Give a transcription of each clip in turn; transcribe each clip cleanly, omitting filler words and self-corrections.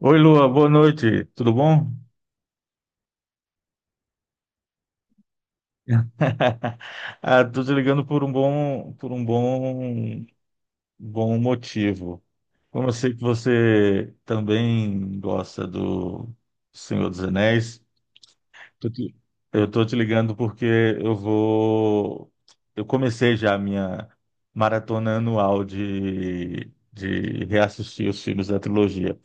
Oi, Lua, boa noite. Tudo bom? Ah, tô te ligando por um bom motivo. Como eu sei que você também gosta do Senhor dos Anéis. Tô te- Eu tô te ligando porque eu vou. Eu comecei já a minha maratona anual de reassistir os filmes da trilogia.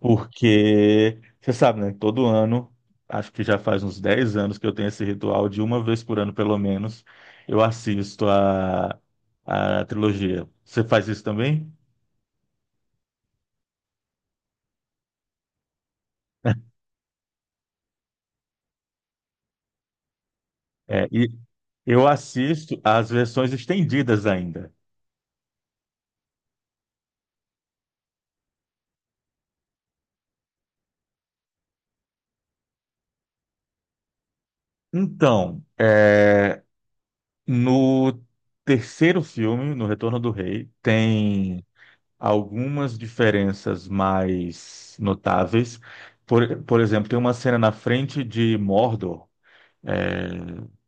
Porque, você sabe, né? Todo ano, acho que já faz uns 10 anos que eu tenho esse ritual de uma vez por ano, pelo menos, eu assisto a trilogia. Você faz isso também? É, e eu assisto as versões estendidas ainda. Então, no terceiro filme, no Retorno do Rei, tem algumas diferenças mais notáveis. Por exemplo, tem uma cena na frente de Mordor, é,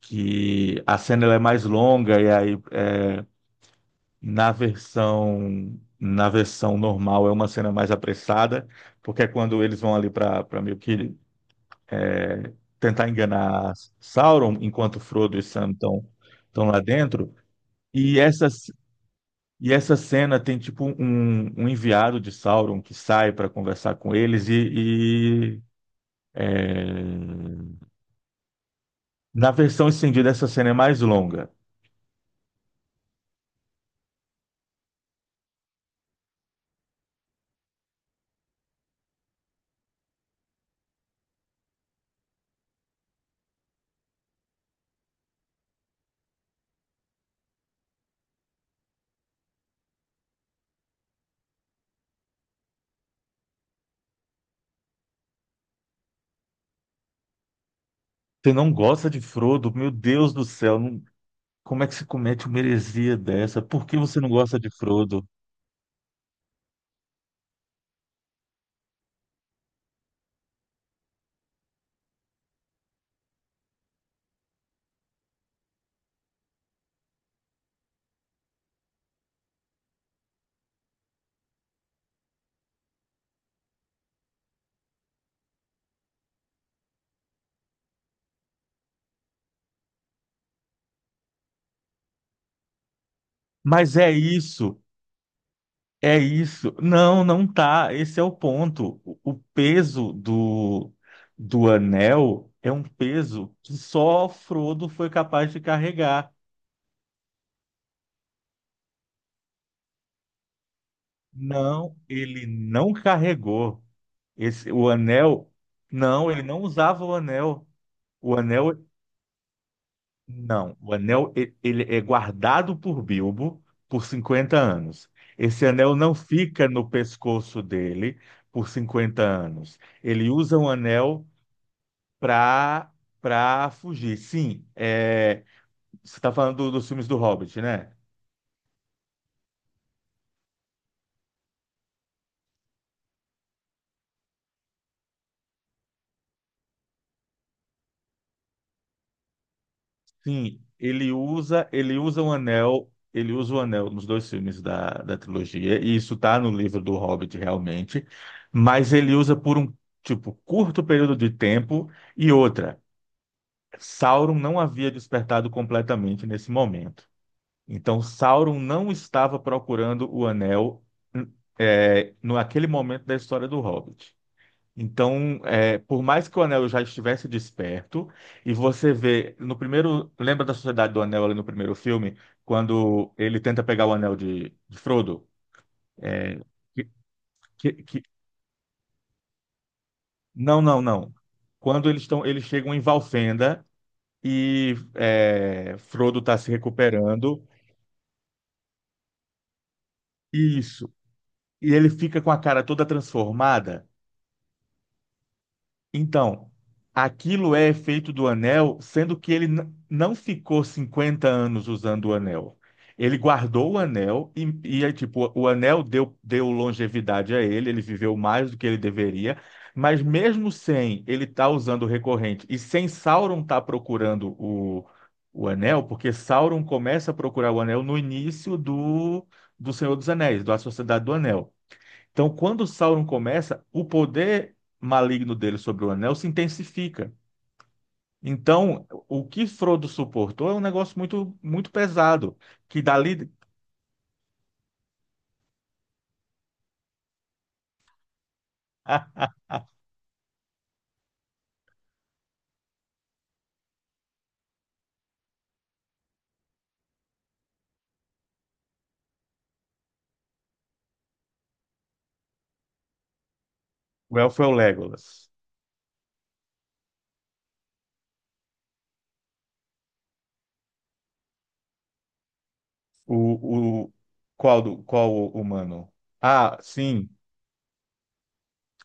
que a cena ela é mais longa e aí na versão normal é uma cena mais apressada, porque é quando eles vão ali para meio que tentar enganar Sauron, enquanto Frodo e Sam estão lá dentro. E essa cena tem tipo um enviado de Sauron que sai para conversar com eles. É, Na versão estendida essa cena é mais longa. Você não gosta de Frodo? Meu Deus do céu, como é que se comete uma heresia dessa? Por que você não gosta de Frodo? Mas é isso, é isso. Não, não tá. Esse é o ponto. O peso do anel é um peso que só Frodo foi capaz de carregar. Não, ele não carregou. Esse, o anel, não, ele não usava o anel. O anel, não, ele é guardado por Bilbo por 50 anos. Esse anel não fica no pescoço dele por 50 anos. Ele usa um anel para para fugir. Sim, você está falando dos filmes do Hobbit, né? Sim, ele usa o anel nos dois filmes da trilogia, e isso tá no livro do Hobbit realmente, mas ele usa por um, tipo, curto período de tempo e outra, Sauron não havia despertado completamente nesse momento. Então Sauron não estava procurando o anel, no aquele momento da história do Hobbit. Então, por mais que o anel já estivesse desperto, e você vê no primeiro. Lembra da Sociedade do Anel ali no primeiro filme, quando ele tenta pegar o anel de Frodo? É, que, que- que- não, não, não. Quando eles chegam em Valfenda e Frodo está se recuperando. Isso. E ele fica com a cara toda transformada. Então, aquilo é efeito do anel, sendo que ele não ficou 50 anos usando o anel. Ele guardou o anel e é tipo, o anel deu longevidade a ele, ele viveu mais do que ele deveria, mas mesmo sem ele tá usando o recorrente e sem Sauron tá procurando o anel, porque Sauron começa a procurar o anel no início do Senhor dos Anéis, da Sociedade do Anel. Então, quando Sauron começa, o poder maligno dele sobre o anel se intensifica. Então, o que Frodo suportou é um negócio muito, muito pesado. Que dali. Ah, o elfo é o Legolas. O, o... Qual o humano? Ah, sim,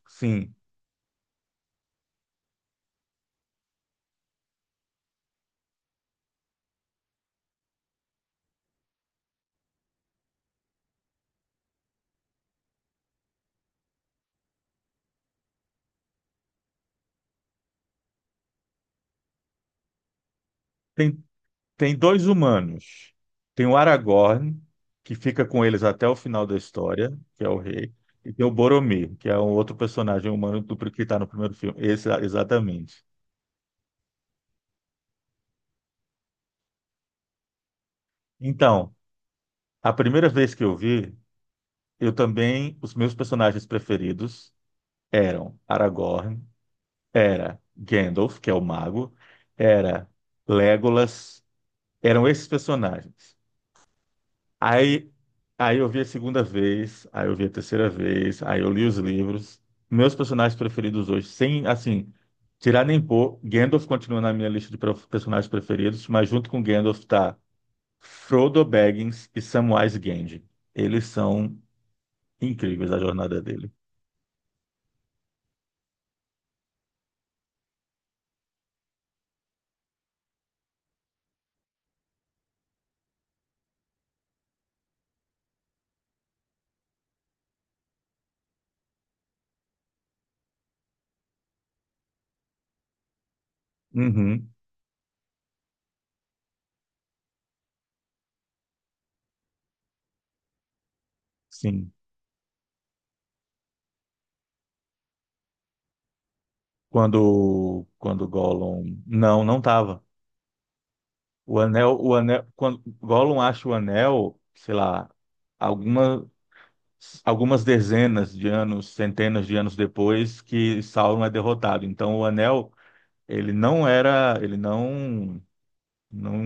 sim. Tem, tem dois humanos. Tem o Aragorn, que fica com eles até o final da história, que é o rei. E tem o Boromir, que é um outro personagem humano do que está no primeiro filme. Esse, exatamente. Então, a primeira vez que eu vi, eu também, os meus personagens preferidos eram Aragorn, era Gandalf, que é o mago, era Legolas, eram esses personagens. Aí, aí eu vi a segunda vez, aí eu vi a terceira vez, aí eu li os livros. Meus personagens preferidos hoje, sem, assim, tirar nem pôr, Gandalf continua na minha lista de personagens preferidos, mas junto com Gandalf tá Frodo Baggins e Samwise Gamgee. Eles são incríveis a jornada dele. Uhum, sim. Quando Gollum não tava. O anel, quando Gollum acha o anel, sei lá, algumas algumas dezenas de anos, centenas de anos depois que Sauron é derrotado. Então o anel, ele não era, ele não não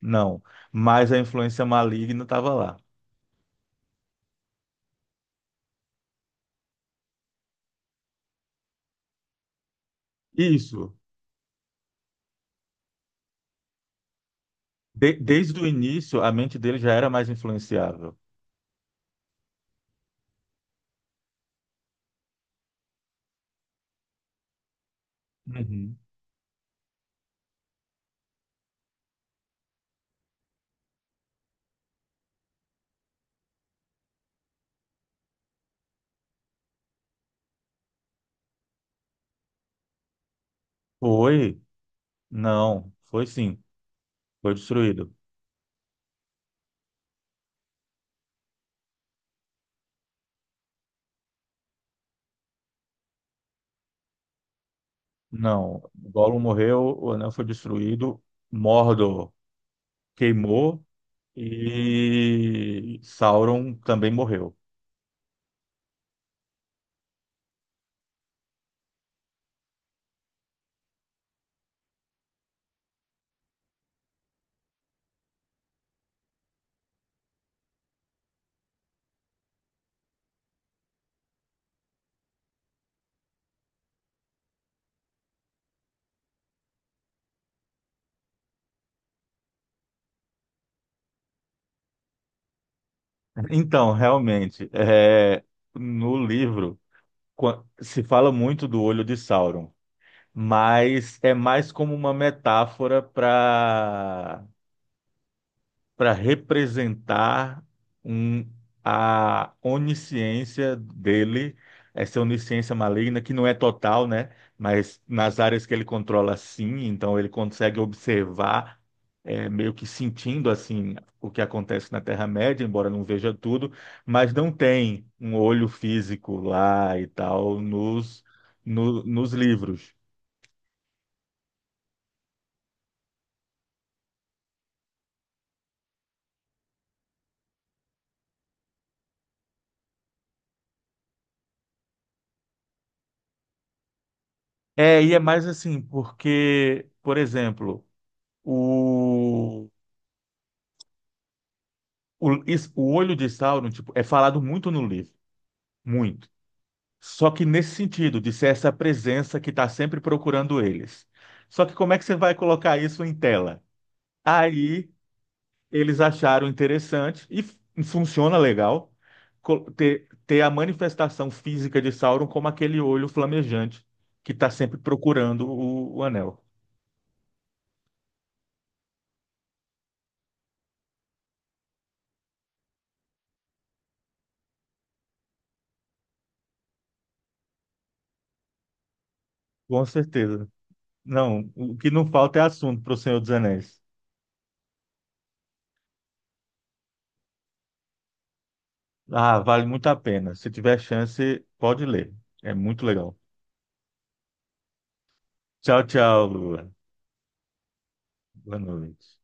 não, mas a influência maligna estava lá. Isso. Desde o início, a mente dele já era mais influenciável. Uhum. Foi. Não, foi sim, foi destruído. Não, Gollum morreu, o anel foi destruído, Mordor queimou e Sauron também morreu. Então, realmente, no livro se fala muito do olho de Sauron, mas é mais como uma metáfora para representar um, a onisciência dele, essa onisciência maligna, que não é total, né? Mas nas áreas que ele controla, sim, então ele consegue observar, meio que sentindo assim o que acontece na Terra-média, embora não veja tudo, mas não tem um olho físico lá e tal nos, no- nos livros. É, e é mais assim, porque, por exemplo, o o olho de Sauron, tipo, é falado muito no livro, muito. Só que nesse sentido, de ser essa presença que está sempre procurando eles. Só que como é que você vai colocar isso em tela? Aí eles acharam interessante e funciona legal ter, ter a manifestação física de Sauron como aquele olho flamejante que está sempre procurando o anel. Com certeza. Não, o que não falta é assunto para o Senhor dos Anéis. Ah, vale muito a pena. Se tiver chance, pode ler. É muito legal. Tchau, tchau, Lua. Boa noite.